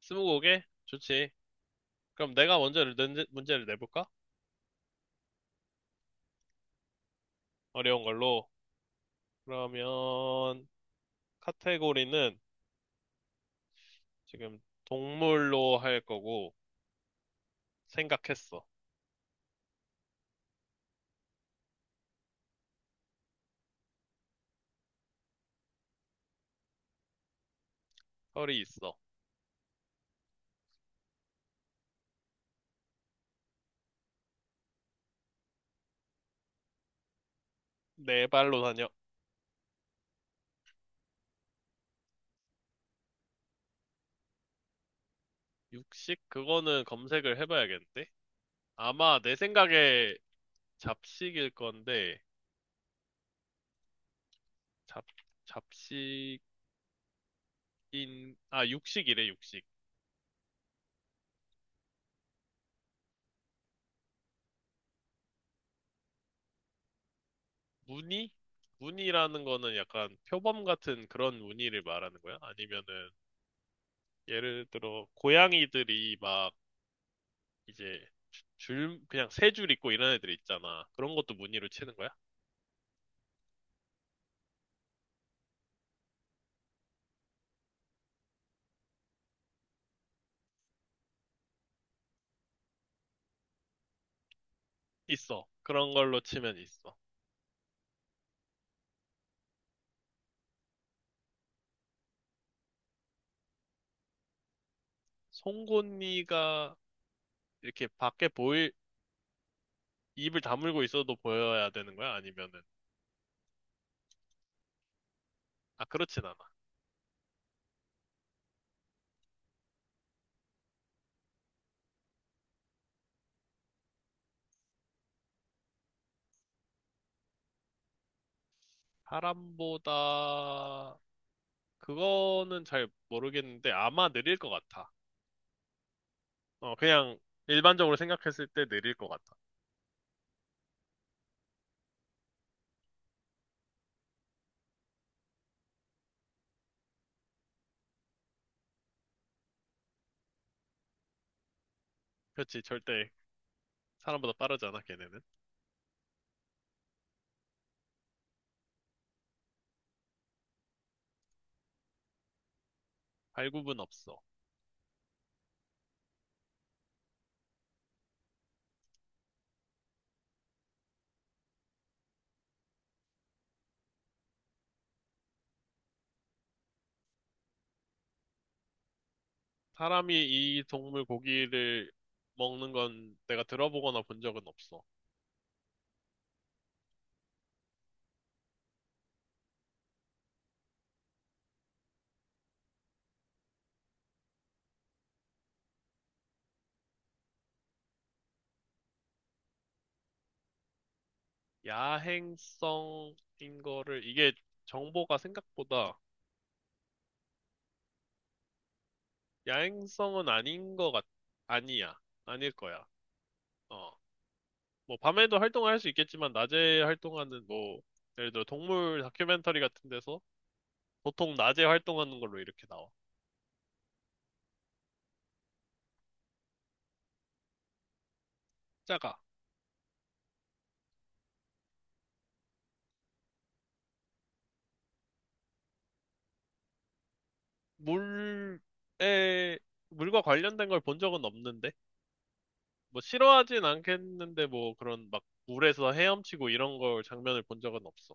스무고개? 좋지. 그럼 내가 먼저 문제를 내볼까? 어려운 걸로. 그러면 카테고리는 지금 동물로 할 거고 생각했어. 털이 있어. 네 발로 다녀. 육식? 그거는 검색을 해봐야겠는데? 아마 내 생각에 잡식일 건데 잡 잡식인 아 육식이래 육식. 무늬? 무늬라는 거는 약간 표범 같은 그런 무늬를 말하는 거야? 아니면은 예를 들어 고양이들이 막 이제 줄 그냥 3줄 있고 이런 애들 있잖아. 그런 것도 무늬로 치는 거야? 있어. 그런 걸로 치면 있어. 송곳니가 이렇게 밖에 보일 입을 다물고 있어도 보여야 되는 거야? 아니면은 아 그렇진 않아. 사람보다 그거는 잘 모르겠는데 아마 느릴 것 같아. 그냥 일반적으로 생각했을 때 느릴 것 같아. 그렇지 절대 사람보다 빠르잖아 걔네는. 발굽은 없어. 사람이 이 동물 고기를 먹는 건 내가 들어보거나 본 적은 없어. 야행성인 거를, 이게 정보가 생각보다 야행성은 아닌 거 아니야. 아닐 거야. 어. 뭐, 밤에도 활동할 수 있겠지만, 낮에 활동하는 뭐, 예를 들어 동물 다큐멘터리 같은 데서 보통 낮에 활동하는 걸로 이렇게 나와. 작아. 물에, 물과 관련된 걸 본 적은 없는데? 뭐 싫어하진 않겠는데 뭐 그런 막 물에서 헤엄치고 이런 걸 장면을 본 적은 없어.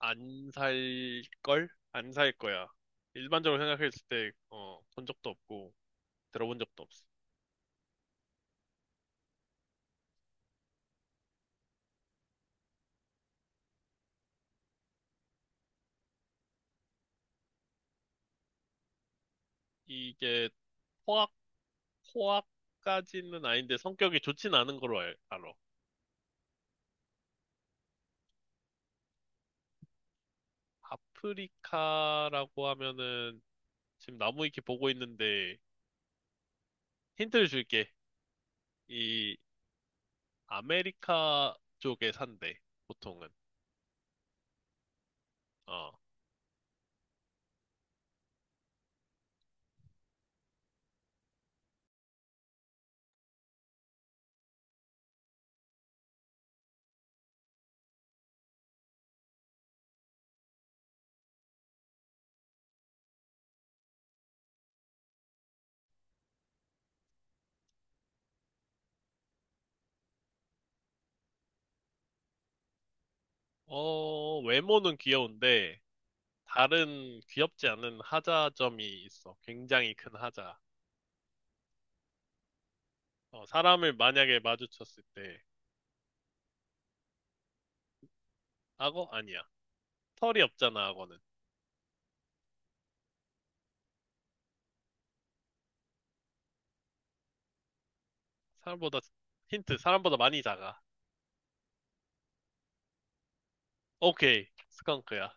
안 살 걸? 안 살 거야. 일반적으로 생각했을 때, 본 적도 없고, 들어본 적도 없어. 이게 포악, 포악까지는 아닌데 성격이 좋진 않은 걸로 알아. 아프리카라고 하면은 지금 나무 위키 보고 있는데 힌트를 줄게. 이 아메리카 쪽에 산대, 보통은. 어. 어, 외모는 귀여운데, 다른 귀엽지 않은 하자점이 있어. 굉장히 큰 하자. 어, 사람을 만약에 마주쳤을 때, 악어? 아니야. 털이 없잖아, 악어는. 사람보다, 힌트, 사람보다 많이 작아. 오케이, 스컹크야.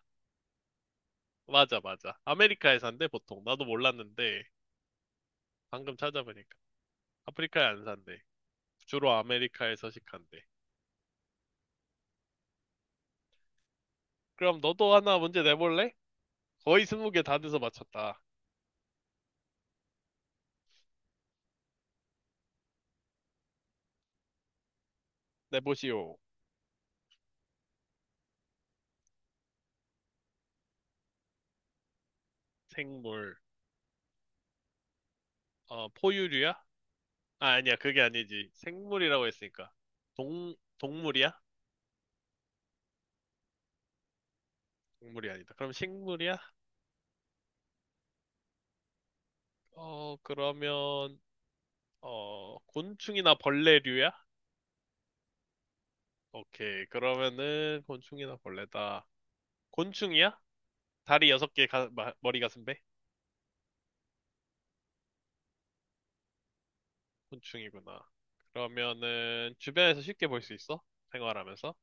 맞아, 맞아. 아메리카에 산대, 보통. 나도 몰랐는데, 방금 찾아보니까. 아프리카에 안 산대. 주로 아메리카에 서식한대. 그럼 너도 하나 문제 내볼래? 거의 20개 다 돼서 맞췄다. 내보시오. 생물. 어, 포유류야? 아, 아니야. 그게 아니지. 생물이라고 했으니까. 동물이야? 동물이 아니다. 그럼 식물이야? 어, 그러면, 어, 곤충이나 벌레류야? 오케이. 그러면은, 곤충이나 벌레다. 곤충이야? 다리 6개, 가, 머리 가슴 배? 곤충이구나. 그러면은, 주변에서 쉽게 볼 수 있어? 생활하면서?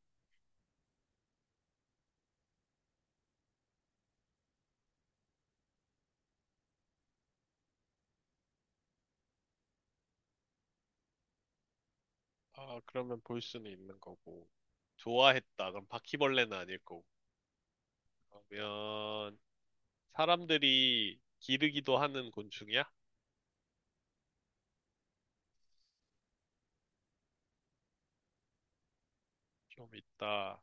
아, 그러면 볼 수는 있는 거고. 좋아했다. 그럼 바퀴벌레는 아닐 거고. 그러면, 사람들이 기르기도 하는 곤충이야? 좀 있다.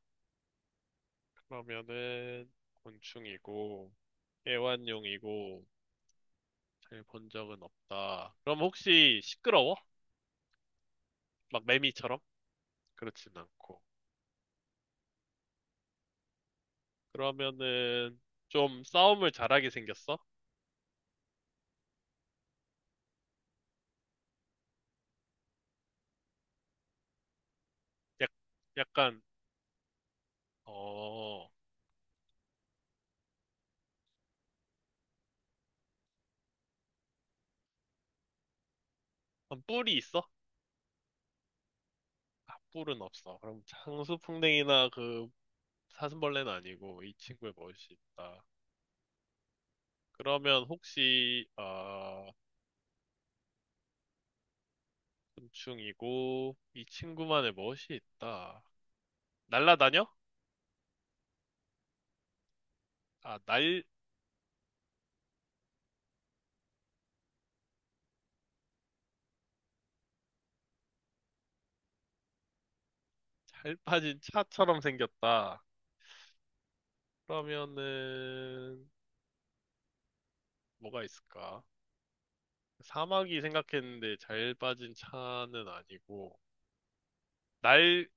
그러면은 곤충이고 애완용이고 잘 본 적은 없다. 그럼 혹시 시끄러워? 막 매미처럼? 그렇진 않고. 그러면은 좀 싸움을 잘하게 생겼어? 약, 약간 어 그럼 뿔이 있어? 아 뿔은 없어. 그럼 장수풍뎅이나 그 사슴벌레는 아니고 이 친구의 멋이 있다. 그러면 혹시 아 곤충이고 이 친구만의 멋이 있다. 날라다녀? 아, 날 잘 빠진 차처럼 생겼다. 그러면은 뭐가 있을까? 사막이 생각했는데 잘 빠진 차는 아니고 날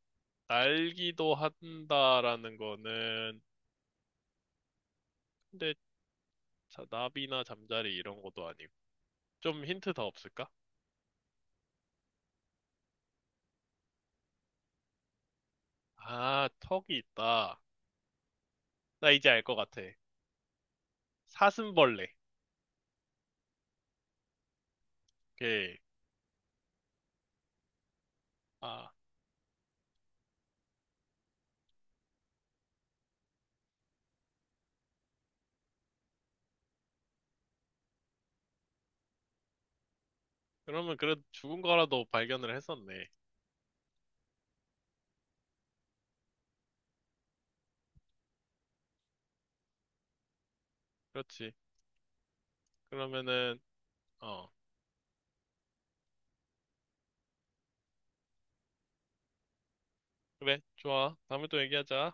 날기도 한다라는 거는 근데 나비나 잠자리 이런 것도 아니고 좀 힌트 더 없을까? 아, 턱이 있다. 나 이제 알 것 같아. 사슴벌레. 오케이. 아, 그러면 그래도 죽은 거라도 발견을 했었네. 그렇지. 그러면은 어. 그래, 좋아. 다음에 또 얘기하자.